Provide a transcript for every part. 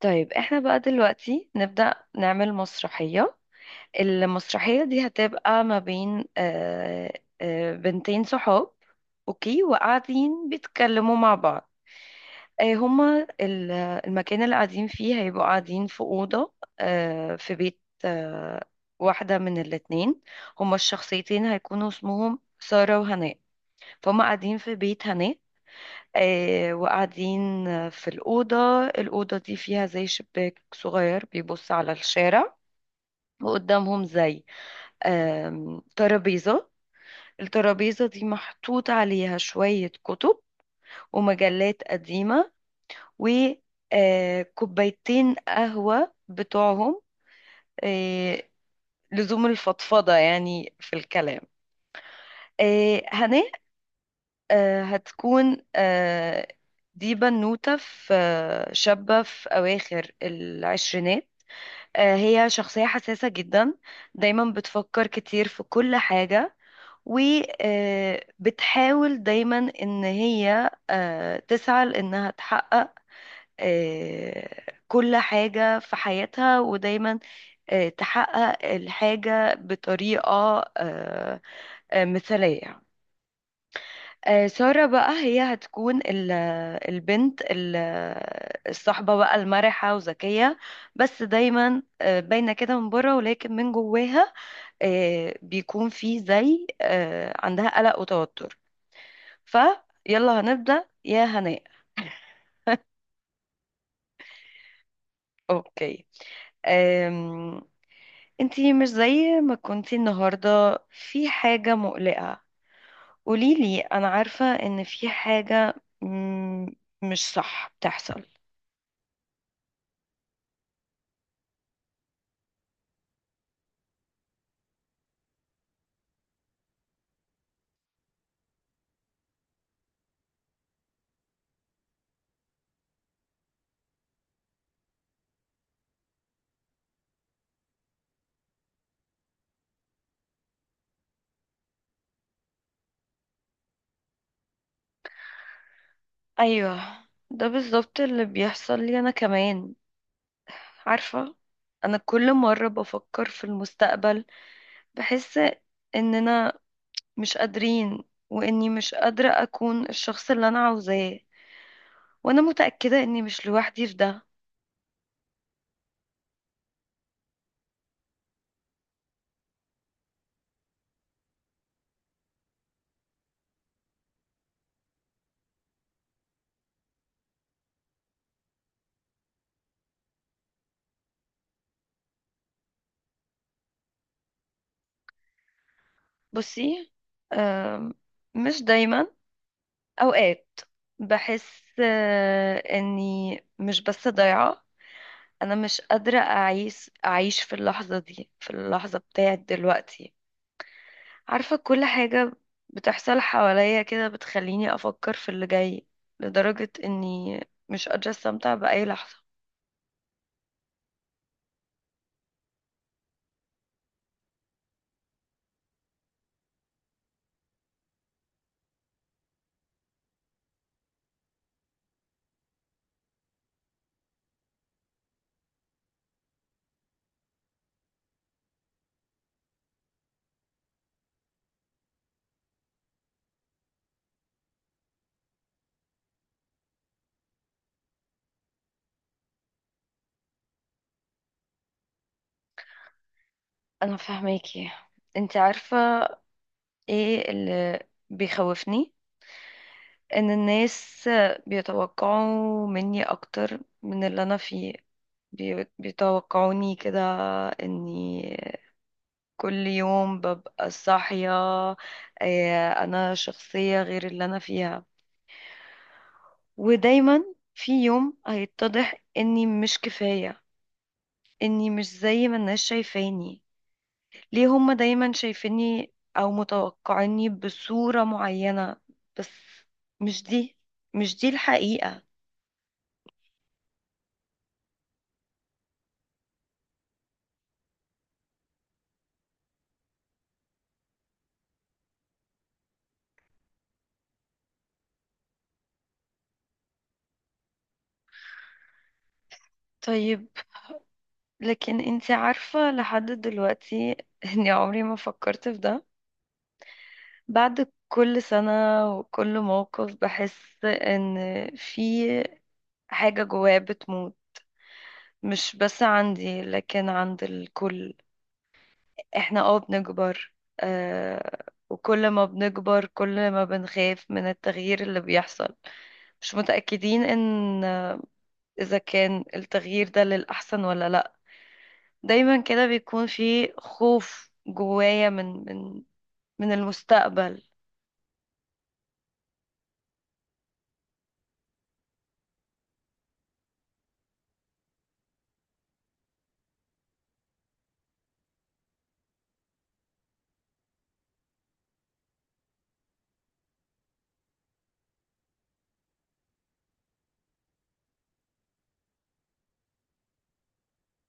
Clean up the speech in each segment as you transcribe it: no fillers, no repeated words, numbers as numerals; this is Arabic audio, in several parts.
طيب احنا بقى دلوقتي نبدأ نعمل مسرحية. المسرحية دي هتبقى ما بين بنتين صحاب. اوكي، وقاعدين بيتكلموا مع بعض. آه، هما ال- المكان اللي قاعدين فيه هيبقوا قاعدين في أوضة، في بيت، واحدة من الاتنين. هما الشخصيتين هيكونوا اسمهم سارة وهناء، فهم قاعدين في بيت هناء، وقاعدين في الأوضة. الأوضة دي فيها زي شباك صغير بيبص على الشارع، وقدامهم زي ترابيزة. الترابيزة دي محطوط عليها شوية كتب ومجلات قديمة وكوبايتين قهوة بتوعهم، آه، لزوم الفضفضة يعني في الكلام. هناك، آه، هتكون آه، دي بنوتة، في آه، شابة في أواخر العشرينات. هي شخصية حساسة جدا، دايما بتفكر كتير في كل حاجة، وبتحاول دايما إن هي تسعى لإنها تحقق آه، كل حاجة في حياتها، ودايما تحقق الحاجة بطريقة مثالية. سارة بقى هي هتكون البنت ال- الصحبة بقى المرحة وذكية، بس دايما باينة كده من بره، ولكن من جواها بيكون في زي عندها قلق وتوتر. فيلا هنبدأ يا هناء. اوكي. أم، انتي مش زي ما كنتي النهاردة، في حاجة مقلقة؟ قوليلي، انا عارفة ان في حاجة مم، مش صح بتحصل. ايوه، ده بالظبط اللي بيحصل لي انا كمان، عارفة. انا كل مرة بفكر في المستقبل بحس اننا مش قادرين، واني مش قادرة اكون الشخص اللي انا عاوزاه، وانا متأكدة اني مش لوحدي في ده. بصي، آم، مش دايما. اوقات بحس اني مش بس ضايعة، انا مش قادرة اعيش، اعيش في اللحظة دي، في اللحظة بتاعت دلوقتي. عارفة، كل حاجة بتحصل حواليا كده بتخليني أفكر في اللي جاي، لدرجة إني مش قادرة استمتع بأي لحظة. أنا فاهماكي. أنت عارفة إيه اللي بيخوفني؟ إن الناس بيتوقعوا مني أكتر من اللي أنا فيه. بيتوقعوني كده، إني كل يوم ببقى صاحية أنا شخصية غير اللي أنا فيها. ودايما في يوم هيتضح اني مش كفاية، اني مش زي ما الناس شايفاني. ليه هما دايما شايفيني او متوقعيني بصورة معينة؟ بس مش دي مش دي الحقيقة. طيب، لكن انتي عارفة لحد دلوقتي اني عمري ما فكرت في ده. بعد كل سنة وكل موقف بحس ان في حاجة جوايا بتموت، مش بس عندي لكن عند الكل. احنا اه بنكبر، آه، وكل ما بنكبر كل ما بنخاف من التغيير اللي بيحصل، مش متأكدين ان اذا كان التغيير ده للأحسن ولا لا. دايما كده بيكون في خوف جوايا من من المستقبل.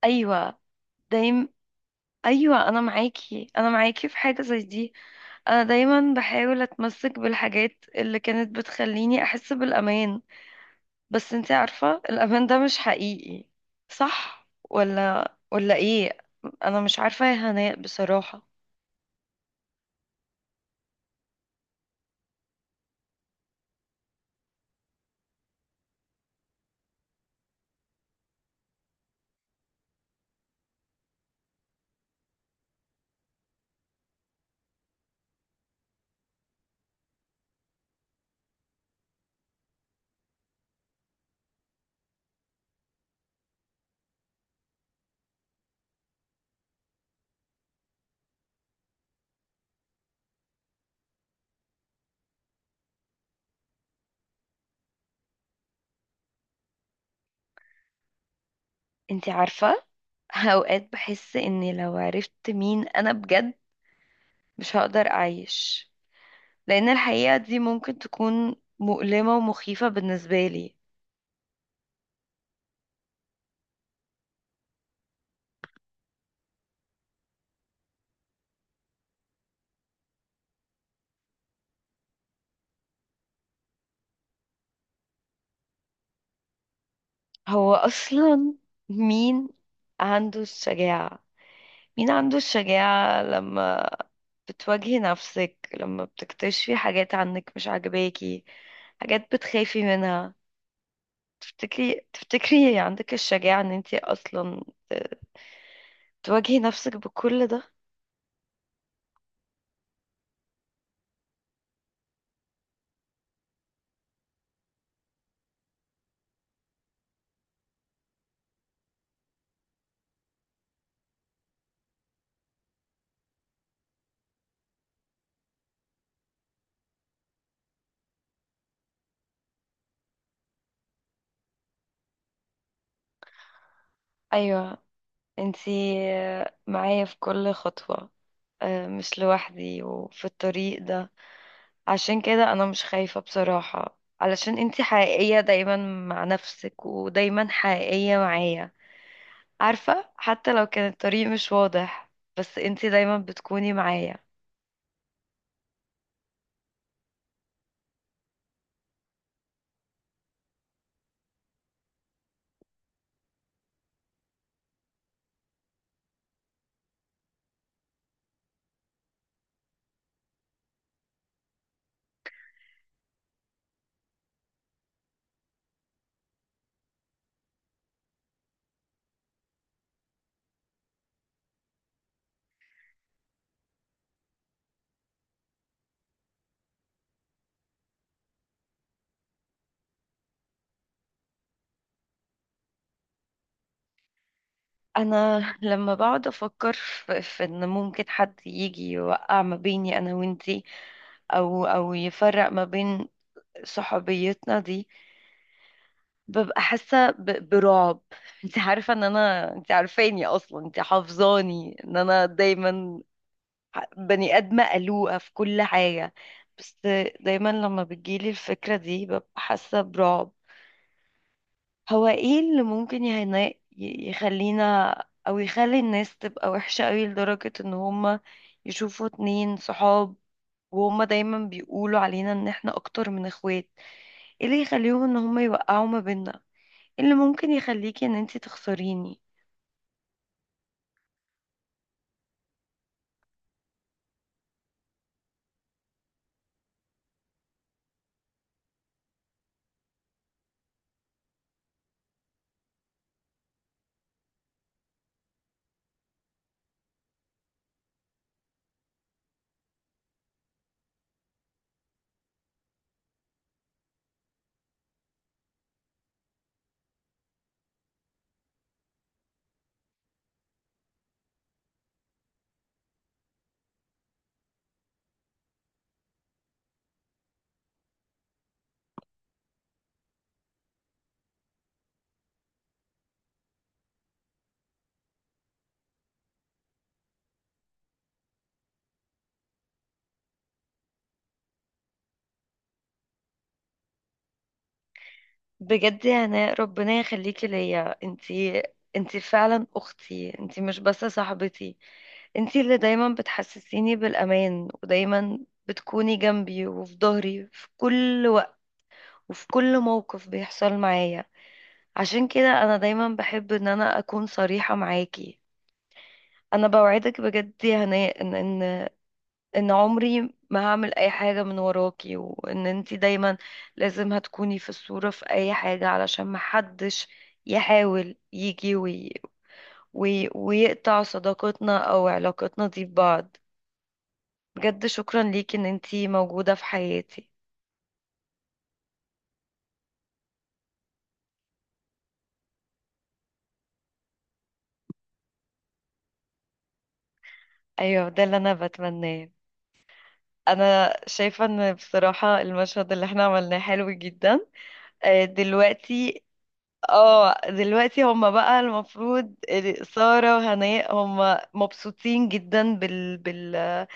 ايوه. دايما. ايوه، انا معاكي، انا معاكي في حاجه زي دي. انا دايما بحاول اتمسك بالحاجات اللي كانت بتخليني احس بالامان، بس انتي عارفة الأمان ده مش حقيقي. صح ولا ايه؟ انا مش عارفة يا هناء بصراحة. انتي عارفة، اوقات بحس اني لو عرفت مين انا بجد مش هقدر اعيش، لان الحقيقة دي ممكن تكون مؤلمة ومخيفة بالنسبة لي. هو اصلا مين عنده الشجاعة؟ مين عنده الشجاعة لما بتواجهي نفسك، لما بتكتشفي حاجات عنك مش عاجباكي، حاجات بتخافي منها؟ تفتكري عندك الشجاعة ان انتي اصلا ت- تواجهي نفسك بكل ده؟ ايوه، انتي معايا في كل خطوة، مش لوحدي وفي الطريق ده. عشان كده انا مش خايفة بصراحة، علشان انتي حقيقية دايما مع نفسك، ودايما حقيقية معايا. عارفة، حتى لو كان الطريق مش واضح، بس انتي دايما بتكوني معايا. انا لما بقعد افكر في ان ممكن حد يجي يوقع ما بيني انا وانتي، او يفرق ما بين صحوبيتنا دي، ببقى حاسة برعب. انتي عارفة ان انا، انتي عارفاني اصلا، انتي حافظاني ان انا دايما بني آدمة قلوقة في كل حاجة، بس دايما لما بتجيلي الفكرة دي ببقى حاسة برعب. هو ايه اللي ممكن يخلينا، او يخلي الناس تبقى وحشة قوي لدرجة ان هما يشوفوا اتنين صحاب وهما دايما بيقولوا علينا ان احنا اكتر من اخوات؟ ايه اللي يخليهم ان هما يوقعوا ما بيننا؟ إيه اللي ممكن يخليكي ان انتي تخسريني؟ بجد يا هناء، ربنا يخليكي ليا. انتي انتي فعلا اختي، انتي مش بس صاحبتي، انتي اللي دايما بتحسسيني بالامان، ودايما بتكوني جنبي وفي ظهري في كل وقت وفي كل موقف بيحصل معايا. عشان كده انا دايما بحب ان انا اكون صريحة معاكي. انا بوعدك بجد يا هناء ان عمري ما هعمل اي حاجة من وراكي، وان انتي دايما لازم هتكوني في الصورة في اي حاجة، علشان محدش يحاول يجي ويقطع صداقتنا او علاقتنا دي ببعض. بجد شكرا ليكي ان انتي موجودة في حياتي. ايوه، ده اللي انا بتمناه. انا شايفة ان بصراحة المشهد اللي احنا عملناه حلو جدا. دلوقتي، اه دلوقتي هما بقى المفروض، سارة وهناء هما مبسوطين جدا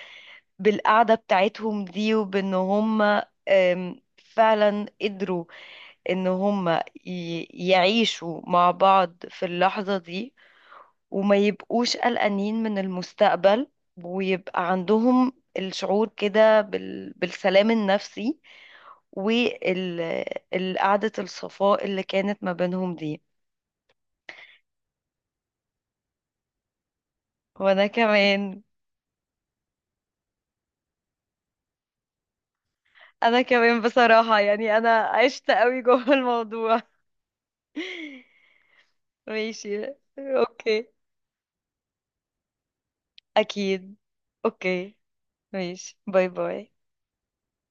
بالقعدة بتاعتهم دي، وبان هما فعلا قدروا ان هما يعيشوا مع بعض في اللحظة دي، وما يبقوش قلقانين من المستقبل، ويبقى عندهم الشعور كده بالسلام النفسي، والقعدة الصفاء اللي كانت ما بينهم دي. وانا كمان، انا كمان بصراحة، يعني انا عشت قوي جوه الموضوع. ماشي. اوكي. اكيد. اوكي. ماشي، باي باي.